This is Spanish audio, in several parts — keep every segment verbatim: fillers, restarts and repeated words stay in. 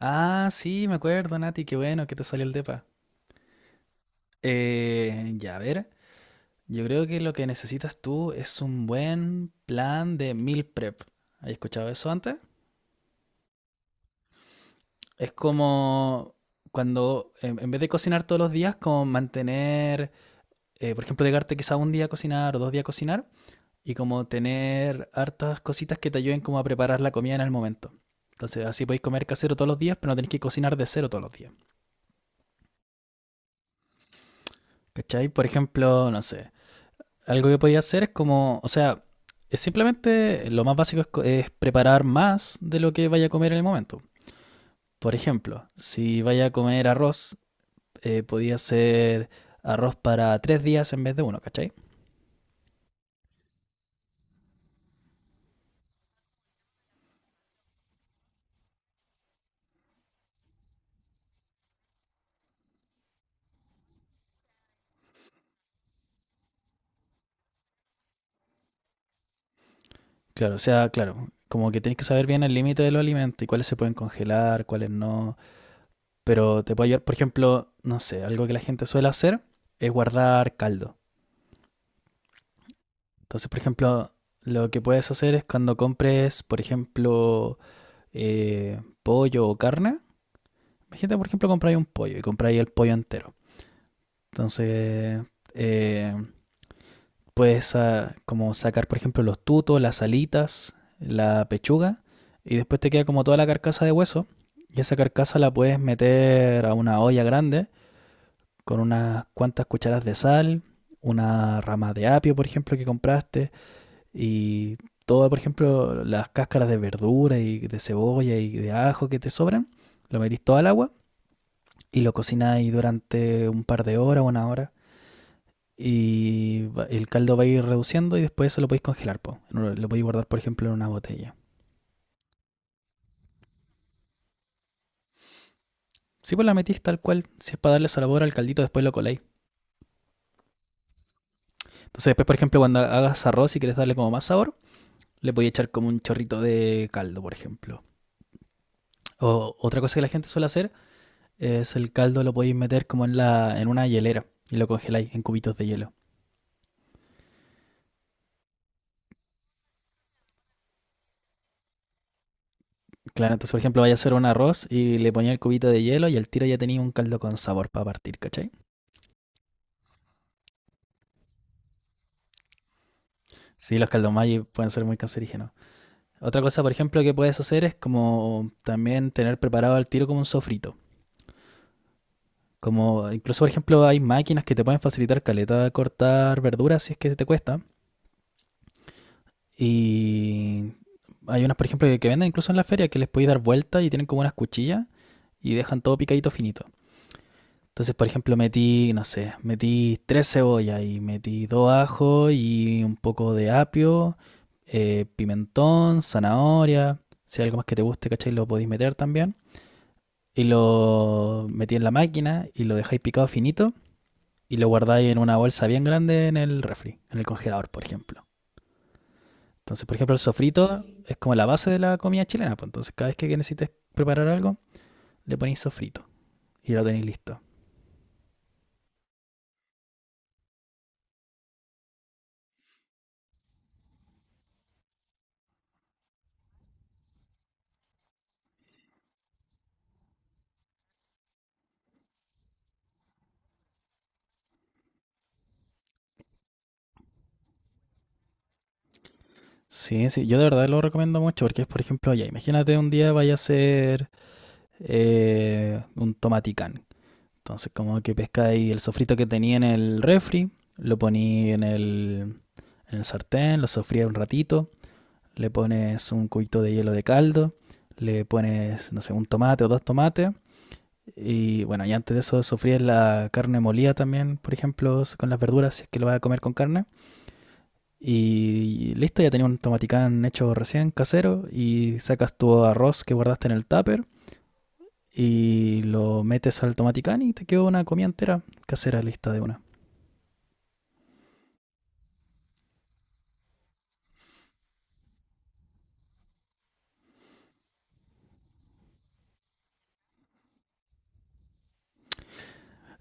Ah, sí, me acuerdo, Nati, qué bueno que te salió el depa. Eh, ya, a ver, yo creo que lo que necesitas tú es un buen plan de meal prep. ¿Has escuchado eso antes? Es como cuando, en, en vez de cocinar todos los días, como mantener, eh, por ejemplo, dejarte quizá un día a cocinar o dos días a cocinar, y como tener hartas cositas que te ayuden como a preparar la comida en el momento. Entonces, así podéis comer casero todos los días, pero no tenéis que cocinar de cero todos los días. ¿Cachai? Por ejemplo, no sé, algo que podía hacer es como, o sea, es simplemente lo más básico es, co- es preparar más de lo que vaya a comer en el momento. Por ejemplo, si vaya a comer arroz, eh, podía hacer arroz para tres días en vez de uno, ¿cachai? Claro, o sea, claro, como que tienes que saber bien el límite de los alimentos y cuáles se pueden congelar, cuáles no. Pero te puede ayudar, por ejemplo, no sé, algo que la gente suele hacer es guardar caldo. Entonces, por ejemplo, lo que puedes hacer es cuando compres, por ejemplo, eh, pollo o carne. Imagínate, por ejemplo, compráis un pollo y compráis el pollo entero. Entonces, eh, puedes ah, como sacar, por ejemplo, los tutos, las alitas, la pechuga, y después te queda como toda la carcasa de hueso. Y esa carcasa la puedes meter a una olla grande con unas cuantas cucharas de sal, una rama de apio, por ejemplo, que compraste, y todas, por ejemplo, las cáscaras de verdura y de cebolla y de ajo que te sobran, lo metís todo al agua y lo cocináis durante un par de horas, una hora, y el caldo va a ir reduciendo y después eso lo podéis congelar, po. Lo podéis guardar, por ejemplo, en una botella. Si vos la metís tal cual, si es para darle sabor al caldito, después lo coláis. Entonces después, por ejemplo, cuando hagas arroz y quieres darle como más sabor, le podéis echar como un chorrito de caldo, por ejemplo. O otra cosa que la gente suele hacer es el caldo lo podéis meter como en la, en una hielera y lo congeláis en cubitos de hielo. Claro, entonces por ejemplo vaya a hacer un arroz y le ponía el cubito de hielo y al tiro ya tenía un caldo con sabor para partir, ¿cachai? Sí, los caldos caldomagi pueden ser muy cancerígenos. Otra cosa, por ejemplo, que puedes hacer es como también tener preparado al tiro como un sofrito. Como incluso, por ejemplo, hay máquinas que te pueden facilitar caleta de cortar verduras si es que te cuesta. Y hay unas, por ejemplo, que, que venden incluso en la feria que les podéis dar vuelta y tienen como unas cuchillas y dejan todo picadito finito. Entonces, por ejemplo, metí, no sé, metí tres cebollas y metí dos ajos y un poco de apio, eh, pimentón, zanahoria. Si hay algo más que te guste, ¿cachai? Lo podéis meter también. Y lo metí en la máquina y lo dejáis picado finito y lo guardáis en una bolsa bien grande en el refri, en el congelador, por ejemplo. Entonces, por ejemplo, el sofrito es como la base de la comida chilena. Pues entonces, cada vez que necesites preparar algo, le ponéis sofrito y lo tenéis listo. Sí, sí, yo de verdad lo recomiendo mucho porque es, por ejemplo, ya imagínate un día vaya a hacer eh, un tomaticán. Entonces, como que pescáis el sofrito que tenía en el refri, lo poní en el, en el sartén, lo sofría un ratito, le pones un cubito de hielo de caldo, le pones, no sé, un tomate o dos tomates. Y bueno, y antes de eso sofríes la carne molida también, por ejemplo, s- con las verduras, si es que lo vas a comer con carne. Y listo, ya tenías un tomaticán hecho recién casero y sacas tu arroz que guardaste en el tupper y lo metes al tomaticán y te quedó una comida entera casera lista de una.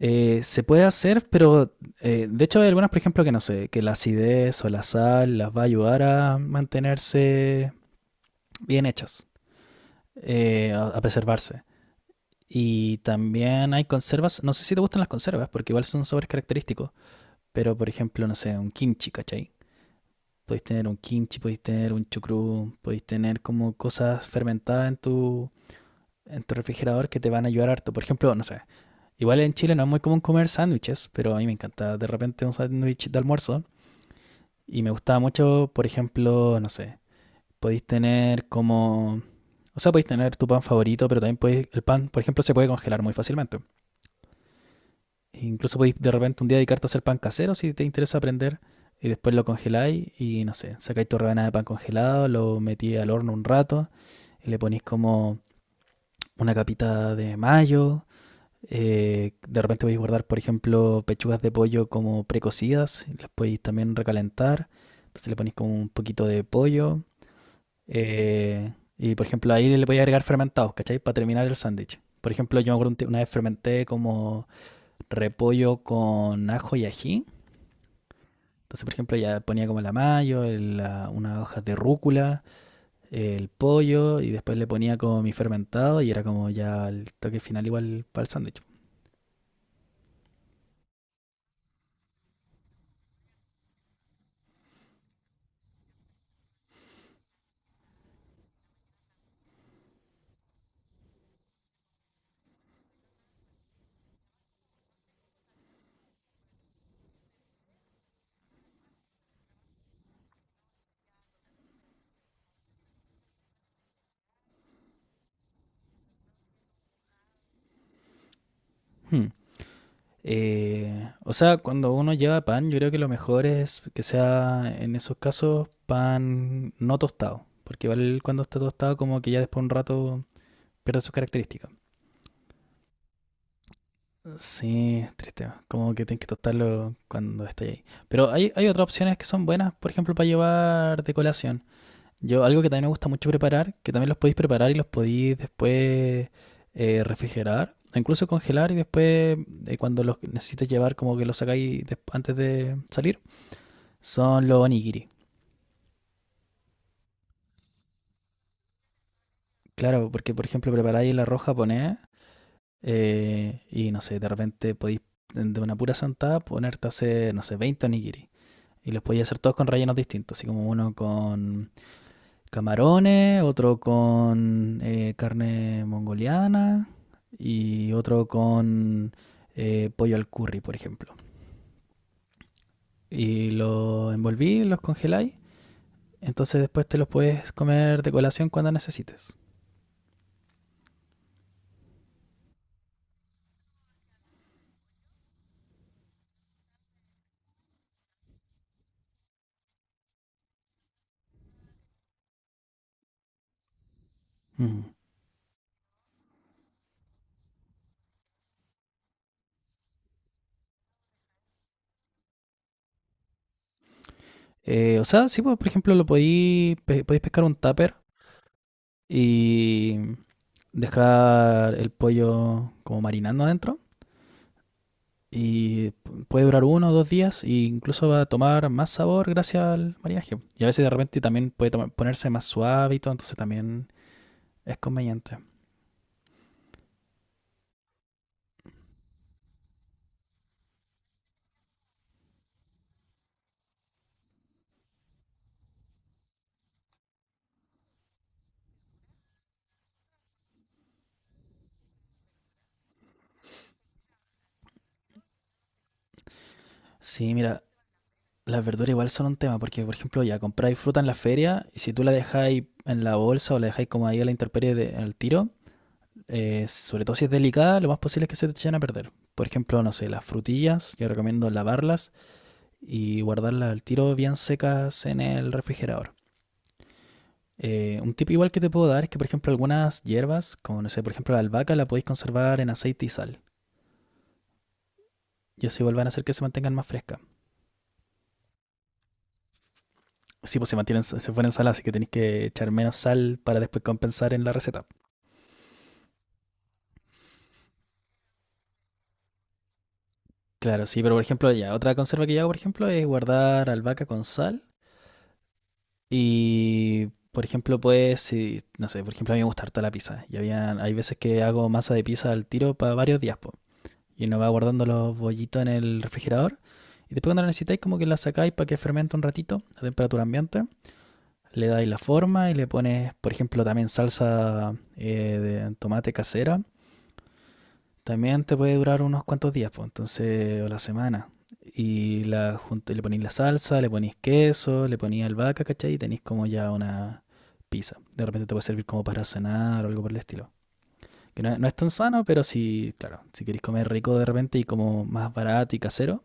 Eh, se puede hacer, pero eh, de hecho hay algunas, por ejemplo, que no sé, que la acidez o la sal las va a ayudar a mantenerse bien hechas, eh, a, a preservarse. Y también hay conservas, no sé si te gustan las conservas, porque igual son sabores característicos, pero por ejemplo, no sé, un kimchi, ¿cachai? Podéis tener un kimchi, podéis tener un chucrú, podéis tener como cosas fermentadas en tu, en tu refrigerador que te van a ayudar harto. Por ejemplo, no sé, igual en Chile no es muy común comer sándwiches, pero a mí me encanta de repente un sándwich de almuerzo. Y me gustaba mucho, por ejemplo, no sé, podéis tener como... O sea, podéis tener tu pan favorito, pero también podéis, el pan, por ejemplo, se puede congelar muy fácilmente. E incluso podéis de repente un día dedicarte a hacer pan casero si te interesa aprender. Y después lo congeláis y no sé, sacáis tu rebanada de pan congelado, lo metí al horno un rato y le ponéis como una capita de mayo. Eh, de repente podéis guardar, por ejemplo, pechugas de pollo como precocidas, y las podéis también recalentar. Entonces le ponéis como un poquito de pollo. eh, y por ejemplo, ahí le podéis agregar fermentados, ¿cachai? Para terminar el sándwich. Por ejemplo, yo me acuerdo un ti- una vez fermenté como repollo con ajo y ají. Entonces, por ejemplo, ya ponía como la mayo, el- la- unas hojas de rúcula, el pollo y después le ponía como mi fermentado y era como ya el toque final igual para el sándwich. Hmm. Eh, o sea, cuando uno lleva pan, yo creo que lo mejor es que sea en esos casos pan no tostado, porque igual cuando está tostado como que ya después de un rato pierde sus características. Sí, triste, como que tienes que tostarlo cuando está ahí. Pero hay, hay otras opciones que son buenas, por ejemplo, para llevar de colación. Yo, algo que también me gusta mucho preparar, que también los podéis preparar y los podéis después eh, refrigerar, o incluso congelar y después eh, cuando los necesites llevar como que los sacáis des- antes de salir, son los onigiri. Claro, porque por ejemplo preparáis el arroz japonés eh, y no sé, de repente podéis de una pura sentada ponerte a hacer, no sé, veinte onigiri. Y los podéis hacer todos con rellenos distintos, así como uno con camarones, otro con eh, carne mongoliana y otro con eh, pollo al curry, por ejemplo. Y los envolví, los congeláis. Entonces después te los puedes comer de colación cuando necesites. Ujú. Eh, o sea, sí, pues, por ejemplo, lo podéis pe- podéis pescar un tupper y dejar el pollo como marinando adentro. Y puede durar uno o dos días e incluso va a tomar más sabor gracias al marinaje. Y a veces de repente también puede tomar- ponerse más suave y todo, entonces también es conveniente. Sí, mira, las verduras igual son un tema, porque por ejemplo ya compráis fruta en la feria y si tú la dejáis en la bolsa o la dejáis como ahí a la intemperie de- en el tiro, eh, sobre todo si es delicada, lo más posible es que se te echen a perder. Por ejemplo, no sé, las frutillas, yo recomiendo lavarlas y guardarlas al tiro bien secas en el refrigerador. Eh, un tip igual que te puedo dar es que, por ejemplo, algunas hierbas, como no sé, por ejemplo la albahaca, la podéis conservar en aceite y sal. Y así vuelvan a hacer que se mantengan más frescas. Sí, pues se mantienen, se fueron en sal, así que tenéis que echar menos sal para después compensar en la receta. Claro, sí, pero por ejemplo, ya, otra conserva que yo hago, por ejemplo, es guardar albahaca con sal. Y, por ejemplo, pues, si, no sé, por ejemplo, a mí me gusta harta la pizza. Y había, hay veces que hago masa de pizza al tiro para varios días, po. Y uno va guardando los bollitos en el refrigerador. Y después cuando lo necesitáis, como que la sacáis para que fermente un ratito a temperatura ambiente. Le dais la forma y le pones, por ejemplo, también salsa eh, de tomate casera. También te puede durar unos cuantos días, pues, entonces, o la semana. Y la, junta- le ponéis la salsa, le ponéis queso, le ponéis albahaca, ¿cachai? Y tenéis como ya una pizza. De repente te puede servir como para cenar o algo por el estilo. Que no, no es tan sano, pero sí, claro, si queréis comer rico de repente y como más barato y casero,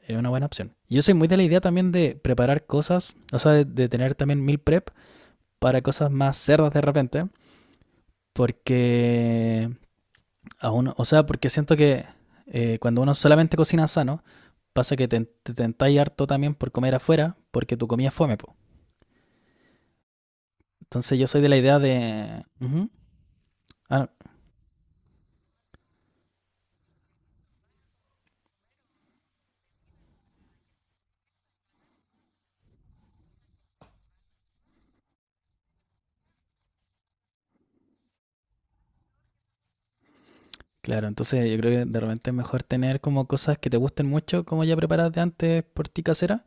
es una buena opción. Yo soy muy de la idea también de preparar cosas, o sea, de, de tener también meal prep para cosas más cerdas de repente, porque aún, o sea, porque siento que eh, cuando uno solamente cocina sano, pasa que te, te tentáis harto también por comer afuera, porque tu comida es fome, po. Entonces yo soy de la idea de... Ujú. Ah, no. Claro, entonces yo creo que de repente es mejor tener como cosas que te gusten mucho, como ya preparadas de antes por ti casera,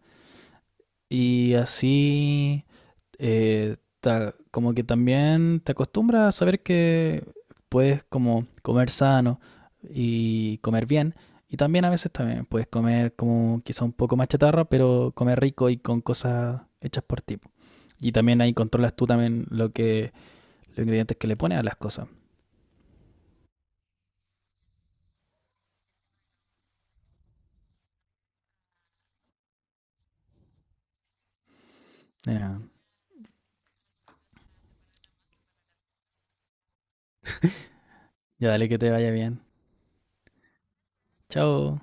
y así eh, ta- como que también te acostumbras a saber que puedes como comer sano y comer bien. Y también a veces también puedes comer como quizá un poco más chatarra, pero comer rico y con cosas hechas por ti. Y también ahí controlas tú también lo que, los ingredientes que le pones a las cosas. Ya, ya dale que te vaya bien. Chao.